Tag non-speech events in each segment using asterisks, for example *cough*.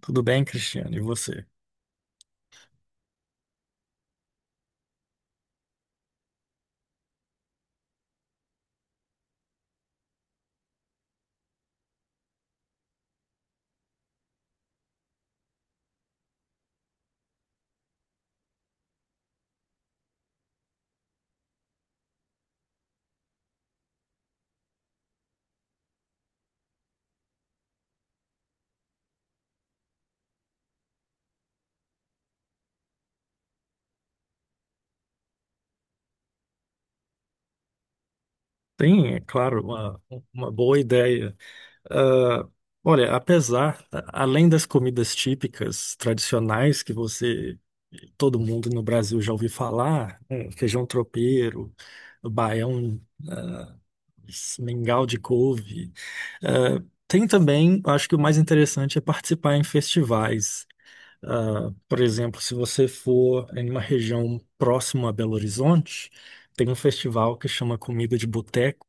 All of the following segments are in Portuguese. Tudo bem, Cristiano? E você? Tem, é claro, uma boa ideia. Ah, olha, além das comidas típicas tradicionais todo mundo no Brasil já ouviu falar, né, feijão tropeiro, baião, ah, mingau de couve, ah, tem também, acho que o mais interessante é participar em festivais. Ah, por exemplo, se você for em uma região próxima a Belo Horizonte, tem um festival que chama Comida de Boteco,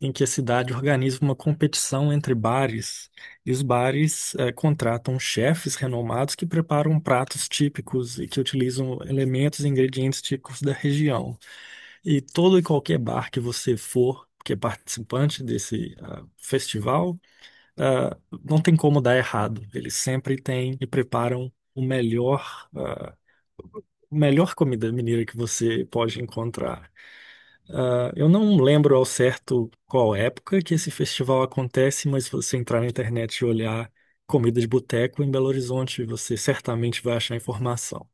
em que a cidade organiza uma competição entre bares, e os bares contratam chefes renomados que preparam pratos típicos e que utilizam elementos e ingredientes típicos da região. E todo e qualquer bar que você for, que é participante desse festival, ah, não tem como dar errado. Eles sempre têm e preparam o melhor, melhor comida mineira que você pode encontrar. Ah, eu não lembro ao certo qual época que esse festival acontece, mas se você entrar na internet e olhar comida de boteco em Belo Horizonte, você certamente vai achar informação.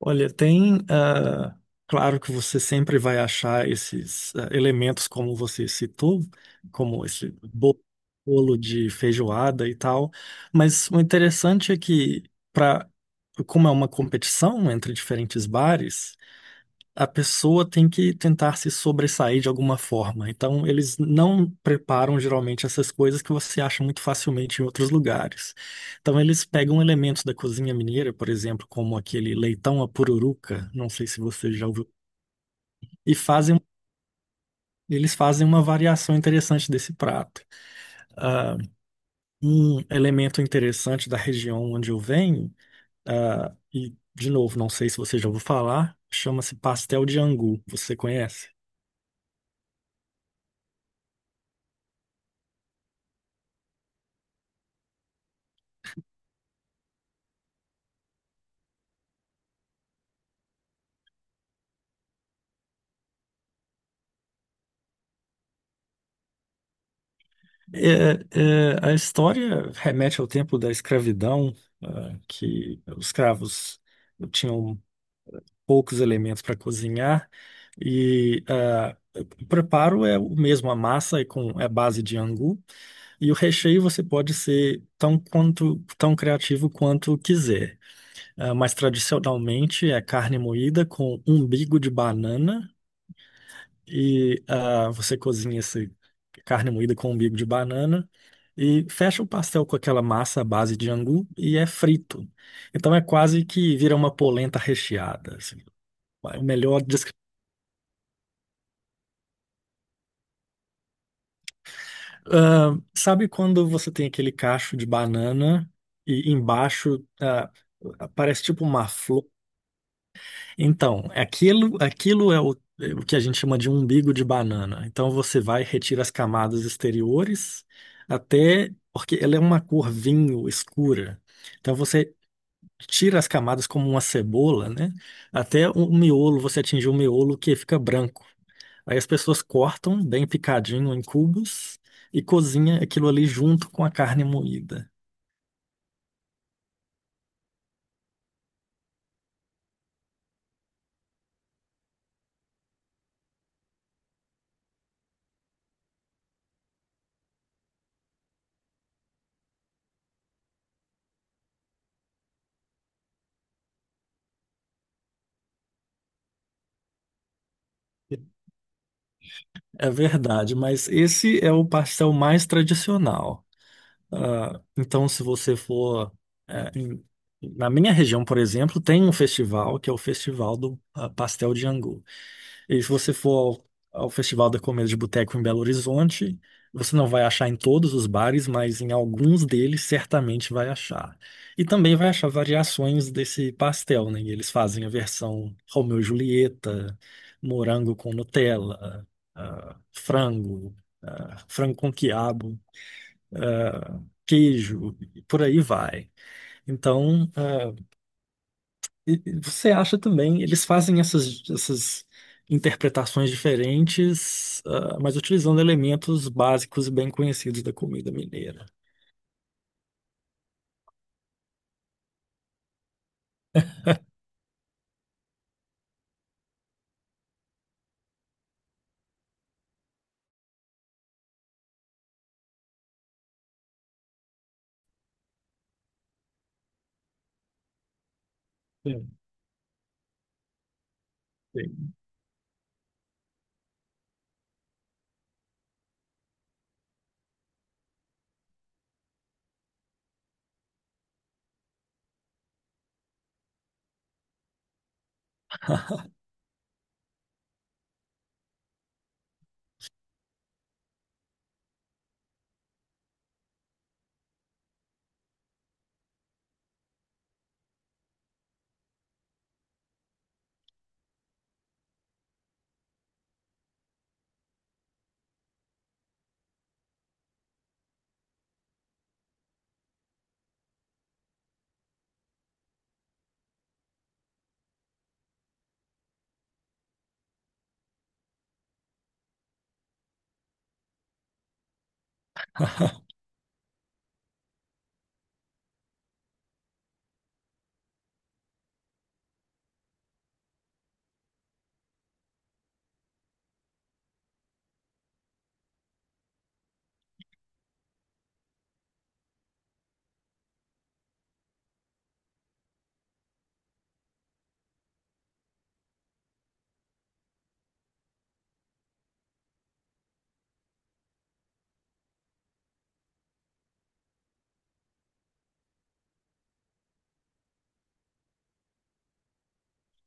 Olha, tem. Claro que você sempre vai achar esses elementos, como você citou, como esse bo- bolo de feijoada e tal, mas o interessante é que, pra, como é uma competição entre diferentes bares, a pessoa tem que tentar se sobressair de alguma forma. Então, eles não preparam geralmente essas coisas que você acha muito facilmente em outros lugares. Então, eles pegam elementos da cozinha mineira, por exemplo, como aquele leitão à pururuca, não sei se você já ouviu, e fazem, eles fazem uma variação interessante desse prato. Ah, um elemento interessante da região onde eu venho, ah, e de novo, não sei se você já ouviu falar, chama-se pastel de angu. Você conhece? A história remete ao tempo da escravidão, que os escravos tinham poucos elementos para cozinhar e o preparo é o mesmo, a massa é com base de angu e o recheio você pode ser tão criativo quanto quiser. Ah, mas tradicionalmente é carne moída com umbigo de banana e você cozinha essa carne moída com umbigo de banana e fecha o pastel com aquela massa à base de angu e é frito. Então é quase que vira uma polenta recheada, assim. É o melhor descri- Ah, sabe quando você tem aquele cacho de banana e embaixo parece tipo uma flor. Então, aquilo é o que a gente chama de umbigo de banana. Então você vai, retira as camadas exteriores até, porque ela é uma cor vinho escura. Então você tira as camadas como uma cebola, né? Até o miolo, você atingir o miolo que fica branco. Aí as pessoas cortam bem picadinho em cubos e cozinha aquilo ali junto com a carne moída. É verdade, mas esse é o pastel mais tradicional. Então, se você for. eh, em- Na minha região, por exemplo, tem um festival que é o Festival do Pastel de Angu. E se você for ao Festival da Comida de Boteco em Belo Horizonte, você não vai achar em todos os bares, mas em alguns deles certamente vai achar. E também vai achar variações desse pastel, né? Eles fazem a versão Romeu e Julieta, morango com Nutella, ah, frango, ah, frango com quiabo, queijo, e por aí vai. Então, e você acha também, eles fazem essas interpretações diferentes, ah, mas utilizando elementos básicos e bem conhecidos da comida mineira. Sim, sim.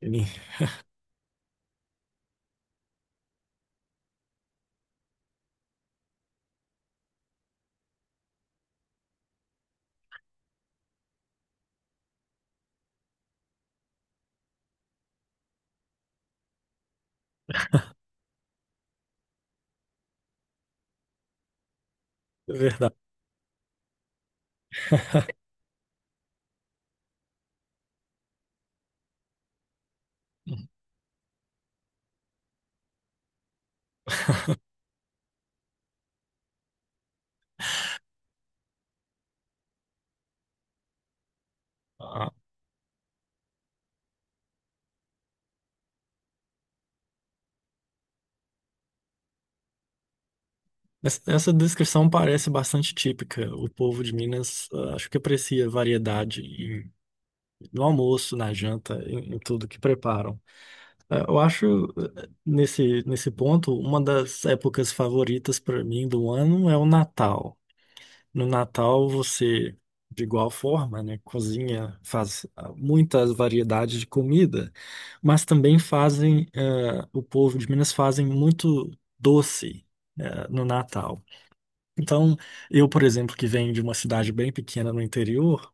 Sim. É verdade. Ah, essa descrição parece bastante típica. O povo de Minas, ah, acho que aprecia variedade no almoço, na janta, em tudo que preparam. É, eu acho, nesse ponto, uma das épocas favoritas para mim do ano é o Natal. No Natal, você, de igual forma, né, cozinha, faz muitas variedades de comida, mas também fazem, eh, o povo de Minas fazem muito doce, eh, no Natal. Então, eu, por exemplo, que venho de uma cidade bem pequena no interior,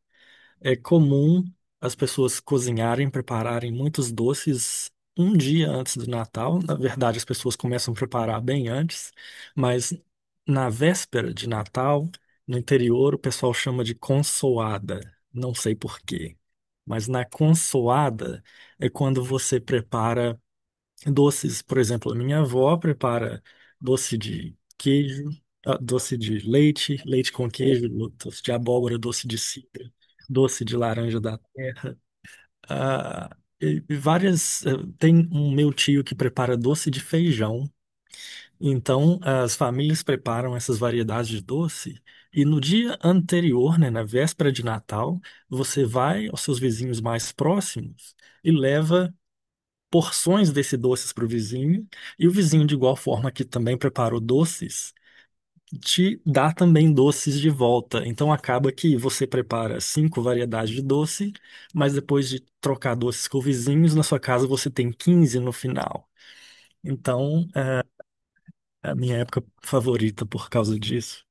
é comum as pessoas cozinharem, prepararem muitos doces um dia antes do Natal. Na verdade, as pessoas começam a preparar bem antes, mas na véspera de Natal, no interior, o pessoal chama de consoada. Não sei por quê. Mas na consoada é quando você prepara doces. Por exemplo, a minha avó prepara doce de queijo, ah, doce de leite, leite com queijo, doce de abóbora, doce de cidra, doce de laranja da terra. Ah, e várias. Tem um meu tio que prepara doce de feijão. Então, as famílias preparam essas variedades de doce e no dia anterior, né, na véspera de Natal, você vai aos seus vizinhos mais próximos e leva porções desse doces para o vizinho, e o vizinho, de igual forma que também preparou doces, te dá também doces de volta. Então acaba que você prepara 5 variedades de doce, mas depois de trocar doces com vizinhos, na sua casa você tem 15 no final. Então, é a minha época favorita por causa disso.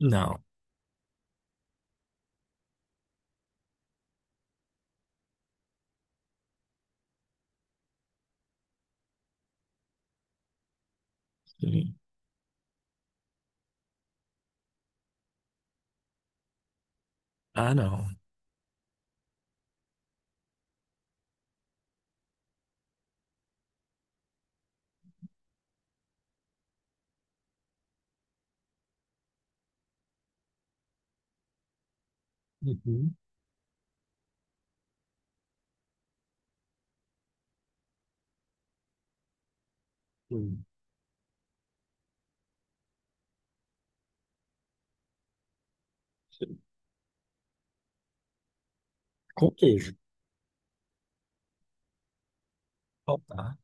Não. Sim. Ah, não. Uhum. Sim. Com queijo. Faltar.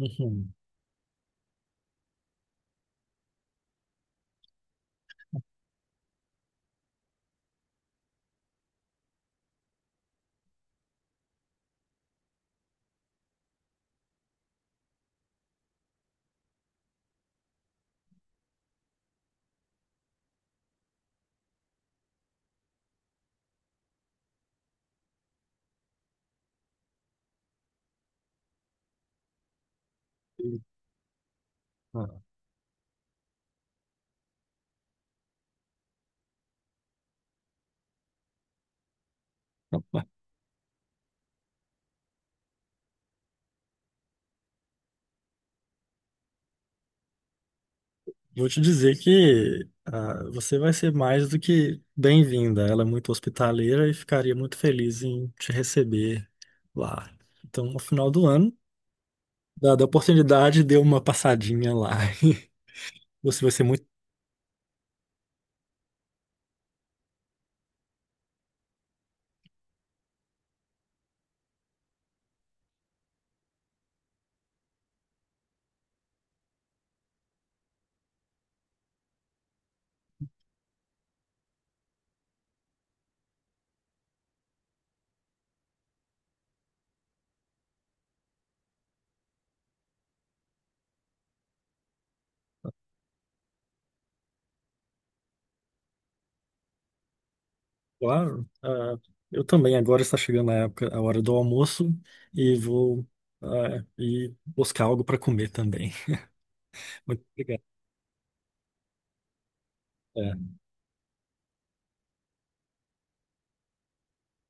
Uhum. Uhum. Ah. Eu vou te dizer que ah, você vai ser mais do que bem-vinda. Ela é muito hospitaleira e ficaria muito feliz em te receber lá. Então, no final do ano, dada a oportunidade, dê uma passadinha lá. *laughs* Você vai ser muito claro. Ah, eu também, agora está chegando a época, a hora do almoço e vou ir buscar algo para comer também. *laughs* Muito obrigado. É.